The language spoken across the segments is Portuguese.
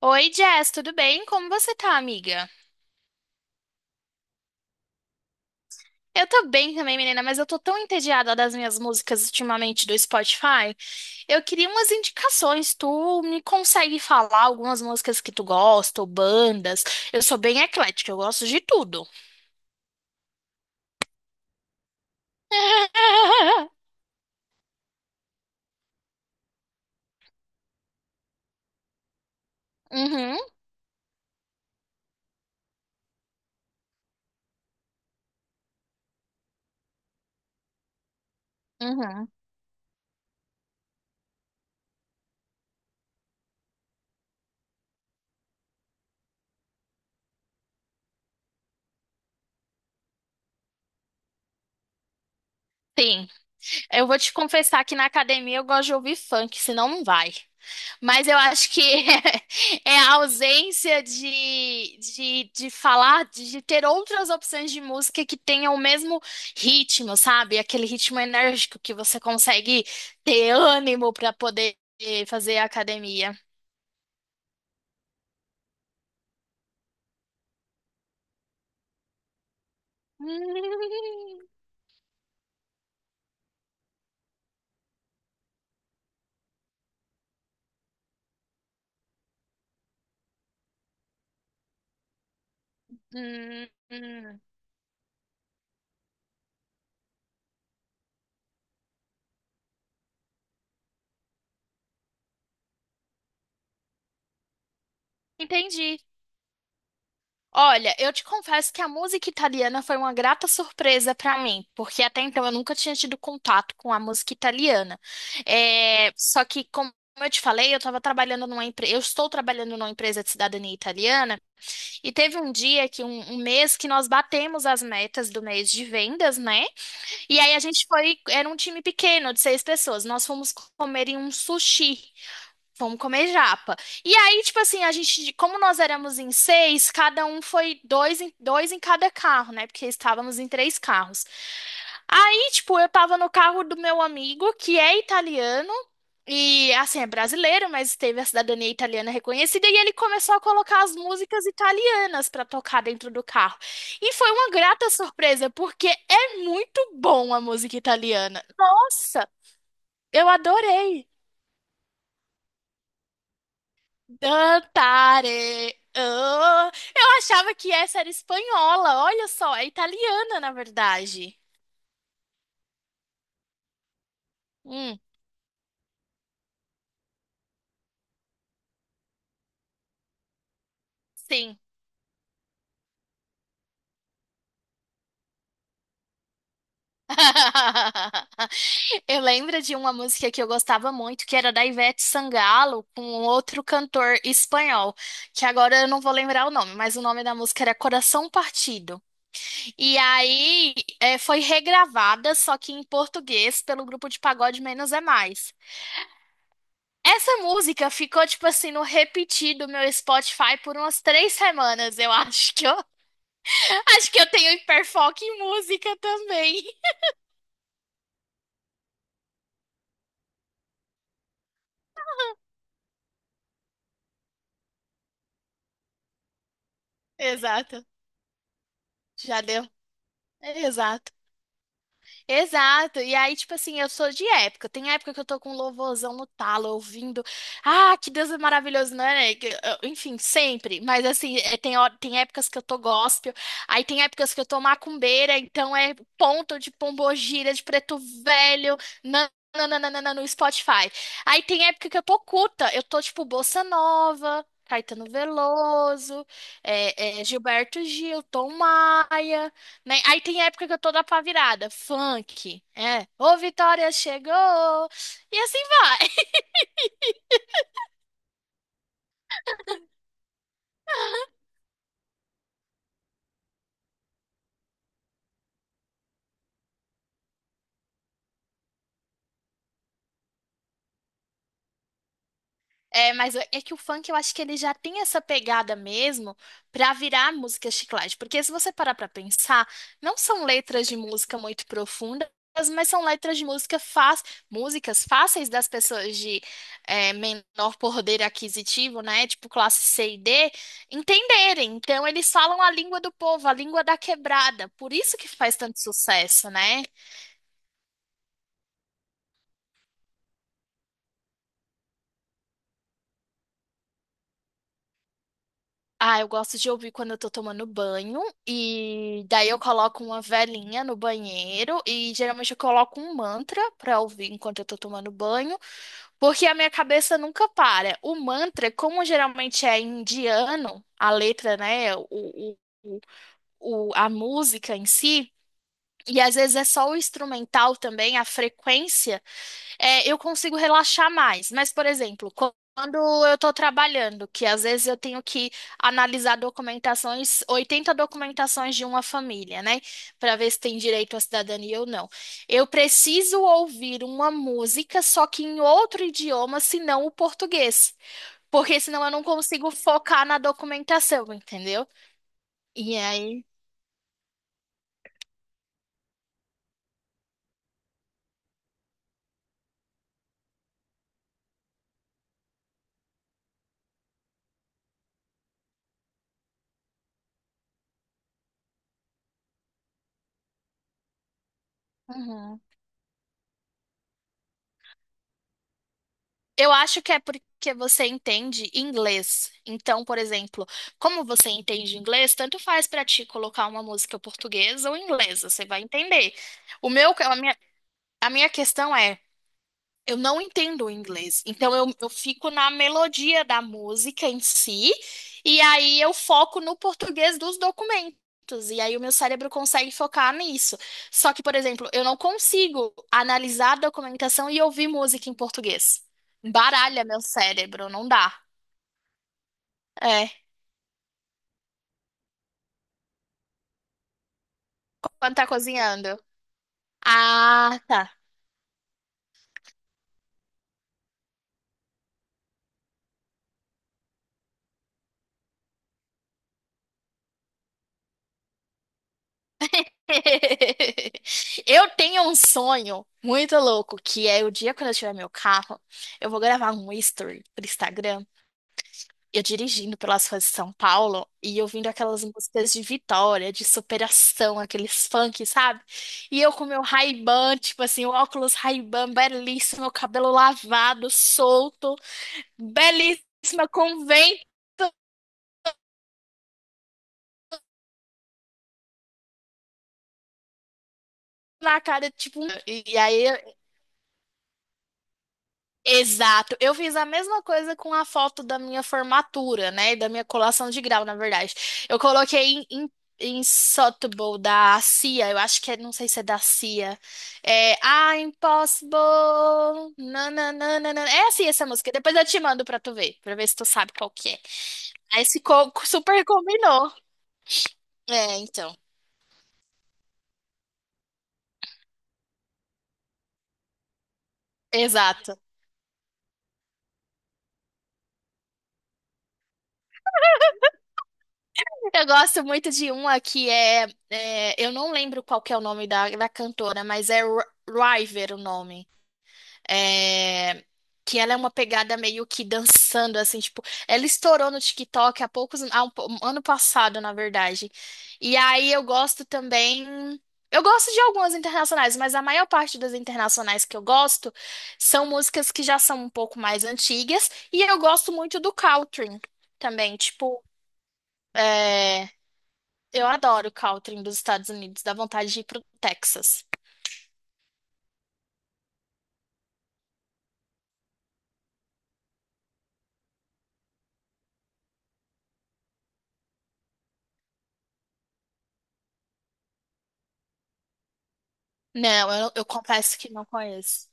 Oi, Jess, tudo bem? Como você tá, amiga? Eu tô bem também, menina, mas eu tô tão entediada das minhas músicas ultimamente do Spotify. Eu queria umas indicações. Tu me consegue falar algumas músicas que tu gosta, ou bandas? Eu sou bem eclética, eu gosto de tudo. Uhum, uhum. Sim, eu vou te confessar que na academia eu gosto de ouvir funk, senão não vai. Mas eu acho que a ausência de falar, de ter outras opções de música que tenham o mesmo ritmo, sabe? Aquele ritmo enérgico que você consegue ter ânimo para poder fazer academia. Hum, hum, hum. Entendi. Olha, eu te confesso que a música italiana foi uma grata surpresa para mim, porque até então eu nunca tinha tido contato com a música italiana. É, só que, como eu te falei, eu estava trabalhando numa empresa, eu estou trabalhando numa empresa de cidadania italiana, e teve um dia que um mês que nós batemos as metas do mês de vendas, né? E aí a gente foi, era um time pequeno de 6 pessoas, nós fomos comer em um sushi. Vamos comer japa. E aí, tipo assim, a gente, como nós éramos em seis, cada um foi dois em cada carro, né? Porque estávamos em 3 carros. Aí, tipo, eu tava no carro do meu amigo, que é italiano, e assim, é brasileiro, mas teve a cidadania italiana reconhecida, e ele começou a colocar as músicas italianas pra tocar dentro do carro. E foi uma grata surpresa, porque é muito bom a música italiana. Nossa, eu adorei. Dantare. Oh, eu achava que essa era espanhola. Olha só, é italiana, na verdade. Hum, sim. Eu lembro de uma música que eu gostava muito, que era da Ivete Sangalo, com outro cantor espanhol, que agora eu não vou lembrar o nome, mas o nome da música era Coração Partido. E aí, foi regravada, só que em português, pelo grupo de pagode Menos é Mais. Essa música ficou, tipo assim, no repetir do meu Spotify por umas 3 semanas, eu acho que eu. Acho que eu tenho hiperfoco em música também. Exato. Já deu. Exato. Exato. E aí, tipo assim, eu sou de época. Tem época que eu tô com um louvorzão no talo, ouvindo. Ah, que Deus é maravilhoso, né? Enfim, sempre. Mas assim, tem, tem épocas que eu tô gospel, aí tem épocas que eu tô macumbeira, então é ponto de pombogira, de preto velho, nananana no Spotify. Aí tem época que eu tô culta, eu tô tipo bossa nova. Caetano Veloso, Gilberto Gil, Tom Maia, né? Aí tem época que eu tô da pá virada funk, ô Vitória chegou, e assim vai. É, mas é que o funk eu acho que ele já tem essa pegada mesmo pra virar música chiclete, porque se você parar pra pensar, não são letras de música muito profundas, mas são letras de música fácil, músicas fáceis das pessoas de menor poder aquisitivo, né, tipo classe C e D, entenderem. Então eles falam a língua do povo, a língua da quebrada, por isso que faz tanto sucesso, né? Ah, eu gosto de ouvir quando eu tô tomando banho e daí eu coloco uma velinha no banheiro e geralmente eu coloco um mantra pra ouvir enquanto eu tô tomando banho, porque a minha cabeça nunca para. O mantra, como geralmente é indiano, a letra, né, o, a música em si, e às vezes é só o instrumental também, a frequência eu consigo relaxar mais. Mas, por exemplo, quando eu estou trabalhando, que às vezes eu tenho que analisar documentações, 80 documentações de uma família, né? Para ver se tem direito à cidadania ou não. Eu preciso ouvir uma música, só que em outro idioma, senão o português. Porque senão eu não consigo focar na documentação, entendeu? E aí. Uhum. Eu acho que é porque você entende inglês. Então, por exemplo, como você entende inglês, tanto faz pra ti colocar uma música portuguesa ou inglesa, você vai entender. O meu, a minha questão é eu não entendo o inglês, então eu fico na melodia da música em si, e aí eu foco no português dos documentos, e aí o meu cérebro consegue focar nisso. Só que, por exemplo, eu não consigo analisar a documentação e ouvir música em português. Baralha meu cérebro, não dá. É, quando tá cozinhando. Ah, tá. Eu tenho um sonho muito louco, que é o dia quando eu tiver meu carro, eu vou gravar um history pro Instagram. Eu dirigindo pelas ruas de São Paulo e ouvindo aquelas músicas de vitória, de superação, aqueles funk, sabe? E eu com meu Ray-Ban, tipo assim, o óculos Ray-Ban belíssimo, meu cabelo lavado, solto, belíssima, com vento na cara, tipo. E aí exato. Eu fiz a mesma coisa com a foto da minha formatura, né? Da minha colação de grau, na verdade. Eu coloquei em Sotheby, da CIA. Eu acho que é, não sei se é da CIA. É I'm Impossible. Nananana. É assim essa música. Depois eu te mando pra tu ver, pra ver se tu sabe qual que é. Aí ficou super combinou. É, então. Exato. Eu gosto muito de uma que eu não lembro qual que é o nome da cantora, mas é River o nome. É, que ela é uma pegada meio que dançando, assim, tipo, ela estourou no TikTok há poucos, 1 ano passado, na verdade. E aí eu gosto também. Eu gosto de algumas internacionais, mas a maior parte das internacionais que eu gosto são músicas que já são um pouco mais antigas. E eu gosto muito do country também, tipo. É, eu adoro o country dos Estados Unidos, dá vontade de ir pro Texas. Não, eu confesso que não conheço.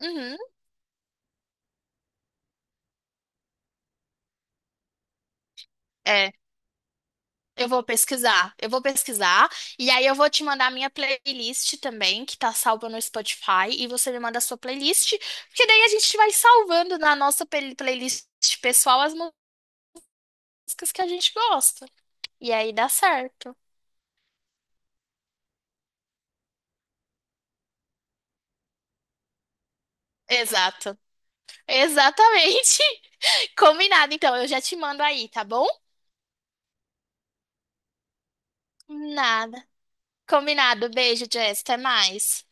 Uhum, é, eu vou pesquisar, e aí eu vou te mandar a minha playlist também, que tá salva no Spotify, e você me manda a sua playlist, porque daí a gente vai salvando na nossa playlist pessoal as músicas que a gente gosta. E aí dá certo. Exato. Exatamente. Combinado, então, eu já te mando aí, tá bom? Nada. Combinado. Beijo, Jess. Até mais.